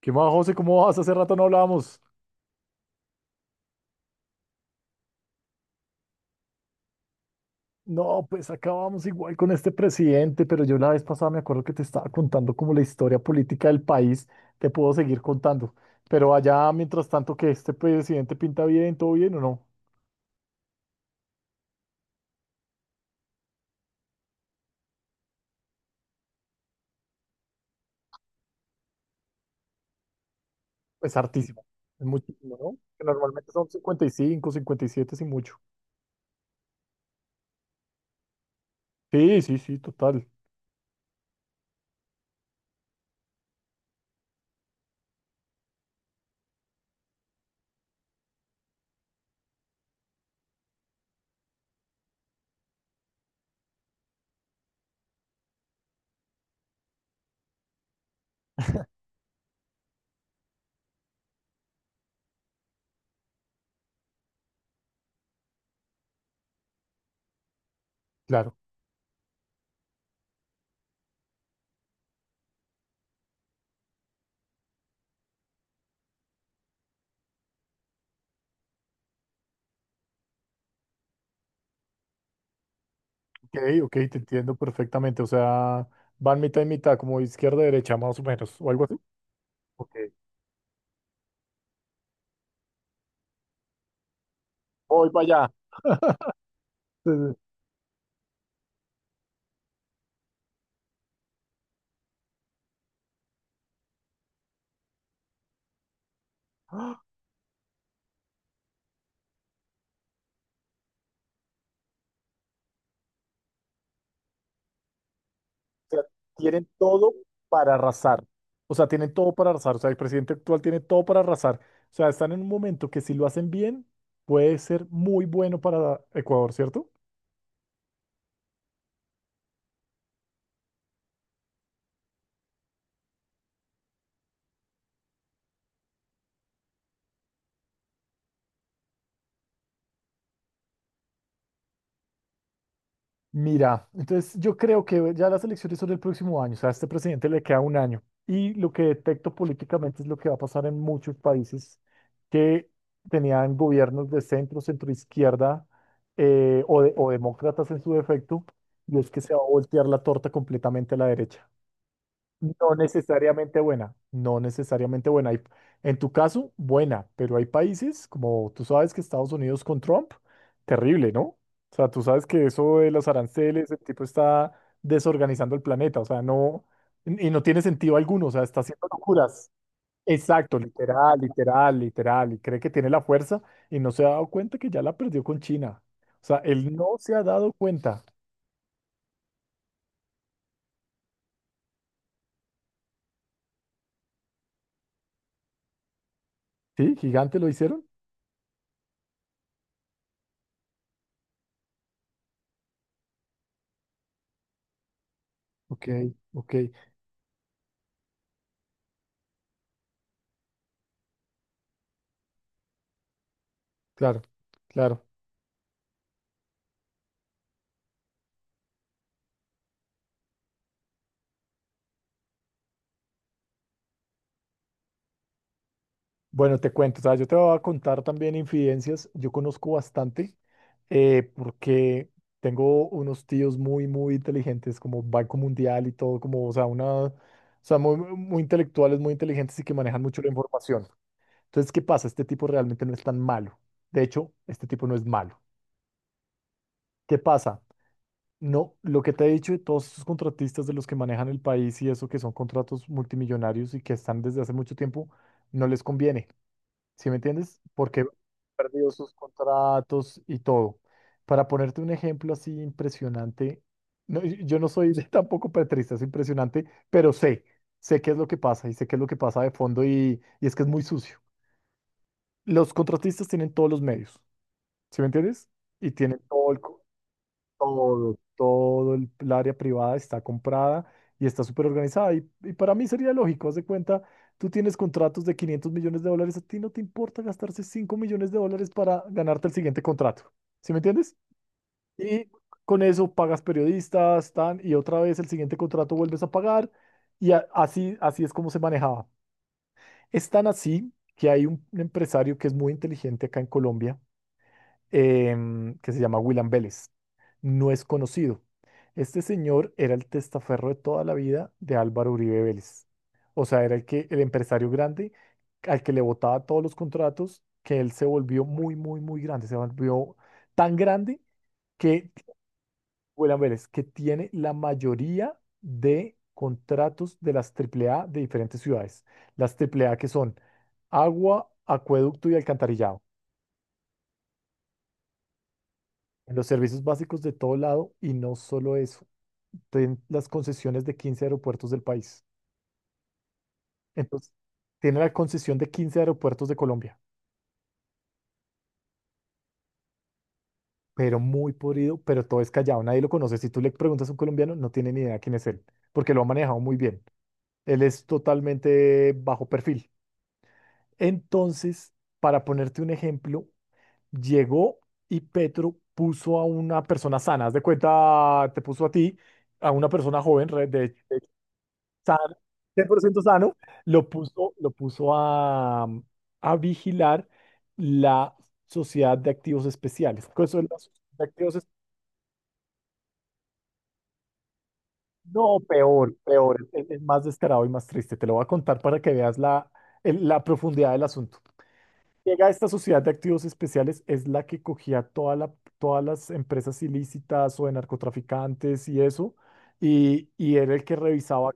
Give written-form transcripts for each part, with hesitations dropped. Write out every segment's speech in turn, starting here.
¿Qué más, José? ¿Cómo vas? Hace rato no hablábamos. No, pues acabamos igual con este presidente, pero yo la vez pasada me acuerdo que te estaba contando como la historia política del país. Te puedo seguir contando. Pero allá, mientras tanto, que este presidente pinta bien, ¿todo bien o no? Es hartísimo. Es muchísimo, ¿no? Que normalmente son 50, 55, 57 sin mucho. Sí, sí, sí, total. Claro. Ok, ok, te entiendo perfectamente. O sea, van mitad y mitad, como izquierda y derecha, más o menos, o algo así. Ok, voy para allá. Sea, tienen todo para arrasar. O sea, tienen todo para arrasar. O sea, el presidente actual tiene todo para arrasar. O sea, están en un momento que si lo hacen bien, puede ser muy bueno para Ecuador, ¿cierto? Mira, entonces yo creo que ya las elecciones son el próximo año. O sea, a este presidente le queda un año. Y lo que detecto políticamente es lo que va a pasar en muchos países que tenían gobiernos de centro, centroizquierda o demócratas en su defecto. Y es que se va a voltear la torta completamente a la derecha. No necesariamente buena, no necesariamente buena. En tu caso, buena, pero hay países, como tú sabes que Estados Unidos con Trump, terrible, ¿no? O sea, tú sabes que eso de los aranceles, el tipo está desorganizando el planeta, o sea, no, y no tiene sentido alguno, o sea, está haciendo locuras. Exacto, literal, literal, literal, y cree que tiene la fuerza y no se ha dado cuenta que ya la perdió con China. O sea, él no se ha dado cuenta. ¿Sí? ¿Gigante lo hicieron? Ok, ok, claro. Claro. Bueno, te cuento, o sea, yo te voy a contar también infidencias. Yo conozco bastante porque tengo unos tíos muy, muy inteligentes, como Banco Mundial y todo, como, o sea, o sea, muy, muy intelectuales, muy inteligentes y que manejan mucho la información. Entonces, ¿qué pasa? Este tipo realmente no es tan malo. De hecho, este tipo no es malo. ¿Qué pasa? No, lo que te he dicho de todos estos contratistas de los que manejan el país y eso, que son contratos multimillonarios y que están desde hace mucho tiempo, no les conviene. ¿Sí me entiendes? Porque perdió sus contratos y todo. Para ponerte un ejemplo así impresionante, no, yo no soy tampoco petrista, es impresionante, pero sé qué es lo que pasa y sé qué es lo que pasa de fondo y es que es muy sucio. Los contratistas tienen todos los medios, ¿sí me entiendes? Y tienen todo el, todo, todo el área privada está comprada y está súper organizada. Y para mí sería lógico, haz de cuenta, tú tienes contratos de 500 millones de dólares, a ti no te importa gastarse 5 millones de dólares para ganarte el siguiente contrato. ¿Sí me entiendes? Y con eso pagas periodistas, y otra vez el siguiente contrato vuelves a pagar. Y así es como se manejaba. Es tan así que hay un empresario que es muy inteligente acá en Colombia que se llama William Vélez. No es conocido. Este señor era el testaferro de toda la vida de Álvaro Uribe Vélez. O sea, era el empresario grande al que le botaba todos los contratos, que él se volvió muy, muy, muy grande. Se volvió tan grande que William Vélez que tiene la mayoría de contratos de las Triple A de diferentes ciudades. Las Triple A que son agua, acueducto y alcantarillado. En los servicios básicos de todo lado, y no solo eso, tienen las concesiones de 15 aeropuertos del país. Entonces, tiene la concesión de 15 aeropuertos de Colombia, pero muy podrido, pero todo es callado, nadie lo conoce. Si tú le preguntas a un colombiano, no tiene ni idea quién es él, porque lo ha manejado muy bien. Él es totalmente bajo perfil. Entonces, para ponerte un ejemplo, llegó y Petro puso a una persona sana, haz de cuenta, te puso a ti, a una persona joven, sano, 100% sano, lo puso a vigilar la Sociedad de Activos Especiales. ¿Qué es la Sociedad de Activos? No, peor, peor, es más descarado y más triste. Te lo voy a contar para que veas la profundidad del asunto. Llega esta Sociedad de Activos Especiales, es la que cogía todas las empresas ilícitas o de narcotraficantes y eso, y era el que revisaba.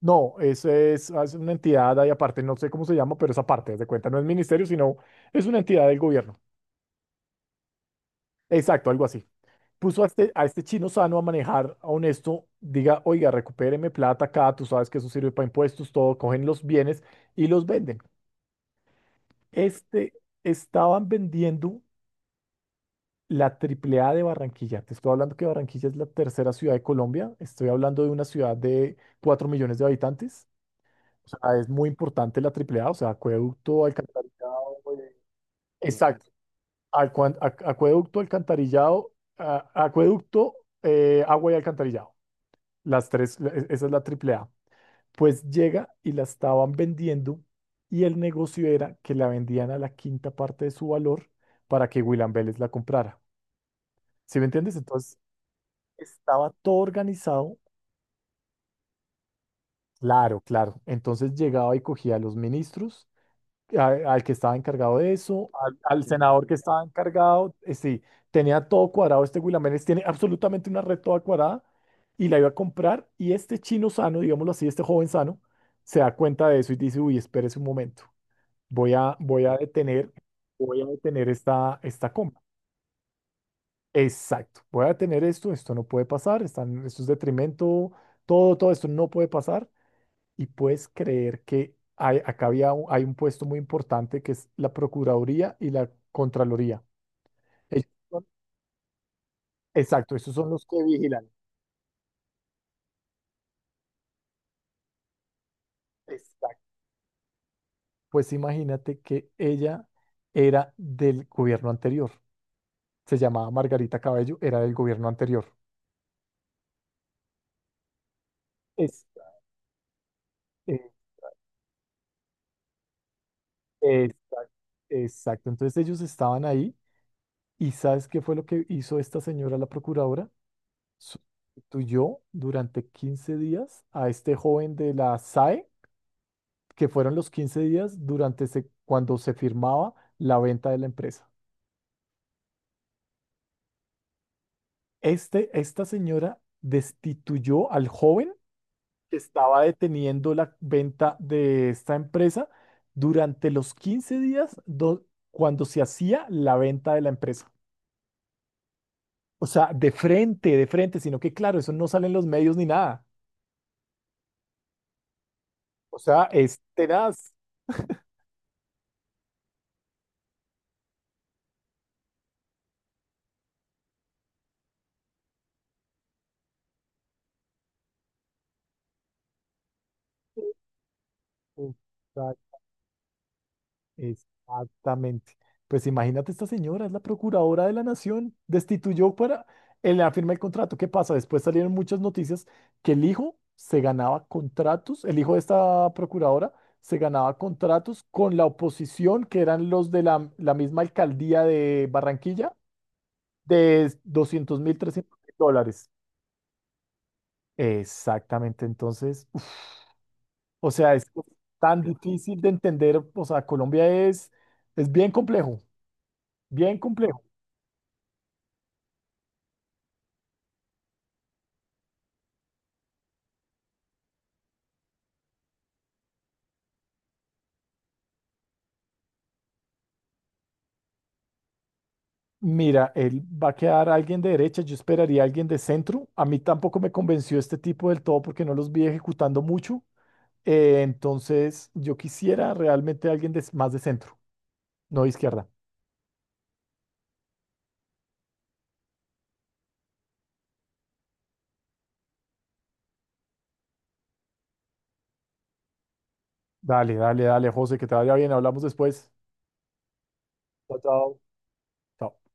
No, eso es una entidad ahí aparte, no sé cómo se llama, pero esa parte, haz de cuenta, no es ministerio, sino es una entidad del gobierno. Exacto, algo así. Puso a este chino sano a manejar, a honesto, diga, oiga, recupéreme plata acá, tú sabes que eso sirve para impuestos, todo, cogen los bienes y los venden. Este, estaban vendiendo la triple A de Barranquilla. Te estoy hablando que Barranquilla es la tercera ciudad de Colombia, estoy hablando de una ciudad de 4 millones de habitantes. O sea, es muy importante la AAA, o sea, acueducto, alcantarillado. Exacto. Acueducto, alcantarillado, acueducto, agua y alcantarillado. Las tres, esa es la AAA. Pues llega y la estaban vendiendo, y el negocio era que la vendían a la quinta parte de su valor para que William Vélez la comprara. ¿Sí me entiendes? Entonces estaba todo organizado. Claro, claro. Entonces llegaba y cogía a los ministros, al que estaba encargado de eso, al sí, senador que estaba encargado, sí, tenía todo cuadrado, este Guilaménez tiene absolutamente una red toda cuadrada y la iba a comprar, y este chino sano, digámoslo así, este joven sano, se da cuenta de eso y dice, uy, espérese un momento, voy a, voy a detener, voy a detener esta compra. Exacto, voy a detener esto no puede pasar, esto es detrimento, todo esto no puede pasar, y puedes creer que hay un puesto muy importante que es la Procuraduría y la Contraloría. Ellos son- exacto, esos son los que vigilan. Exacto. Pues imagínate que ella era del gobierno anterior. Se llamaba Margarita Cabello, era del gobierno anterior. Es, eh, es- exacto. Entonces ellos estaban ahí. ¿Y sabes qué fue lo que hizo esta señora, la procuradora? Sustituyó durante 15 días a este joven de la SAE, que fueron los 15 días cuando se firmaba la venta de la empresa. Esta señora destituyó al joven que estaba deteniendo la venta de esta empresa durante los 15 días, cuando se hacía la venta de la empresa. O sea, de frente, sino que claro, eso no sale en los medios ni nada. O sea, es tenaz. Exactamente. Pues imagínate, esta señora es la procuradora de la nación, destituyó para él le firma el contrato. ¿Qué pasa? Después salieron muchas noticias que el hijo se ganaba contratos, el hijo de esta procuradora se ganaba contratos con la oposición, que eran los de la misma alcaldía de Barranquilla, de $200.000, $300.000. Exactamente, entonces, uf, o sea, es tan difícil de entender, o sea, Colombia es bien complejo, bien complejo. Mira, él va a quedar alguien de derecha, yo esperaría alguien de centro. A mí tampoco me convenció este tipo del todo porque no los vi ejecutando mucho. Entonces, yo quisiera realmente alguien más de centro, no de izquierda. Dale, dale, dale, José, que te vaya bien. Hablamos después. Chao, chao. Chao.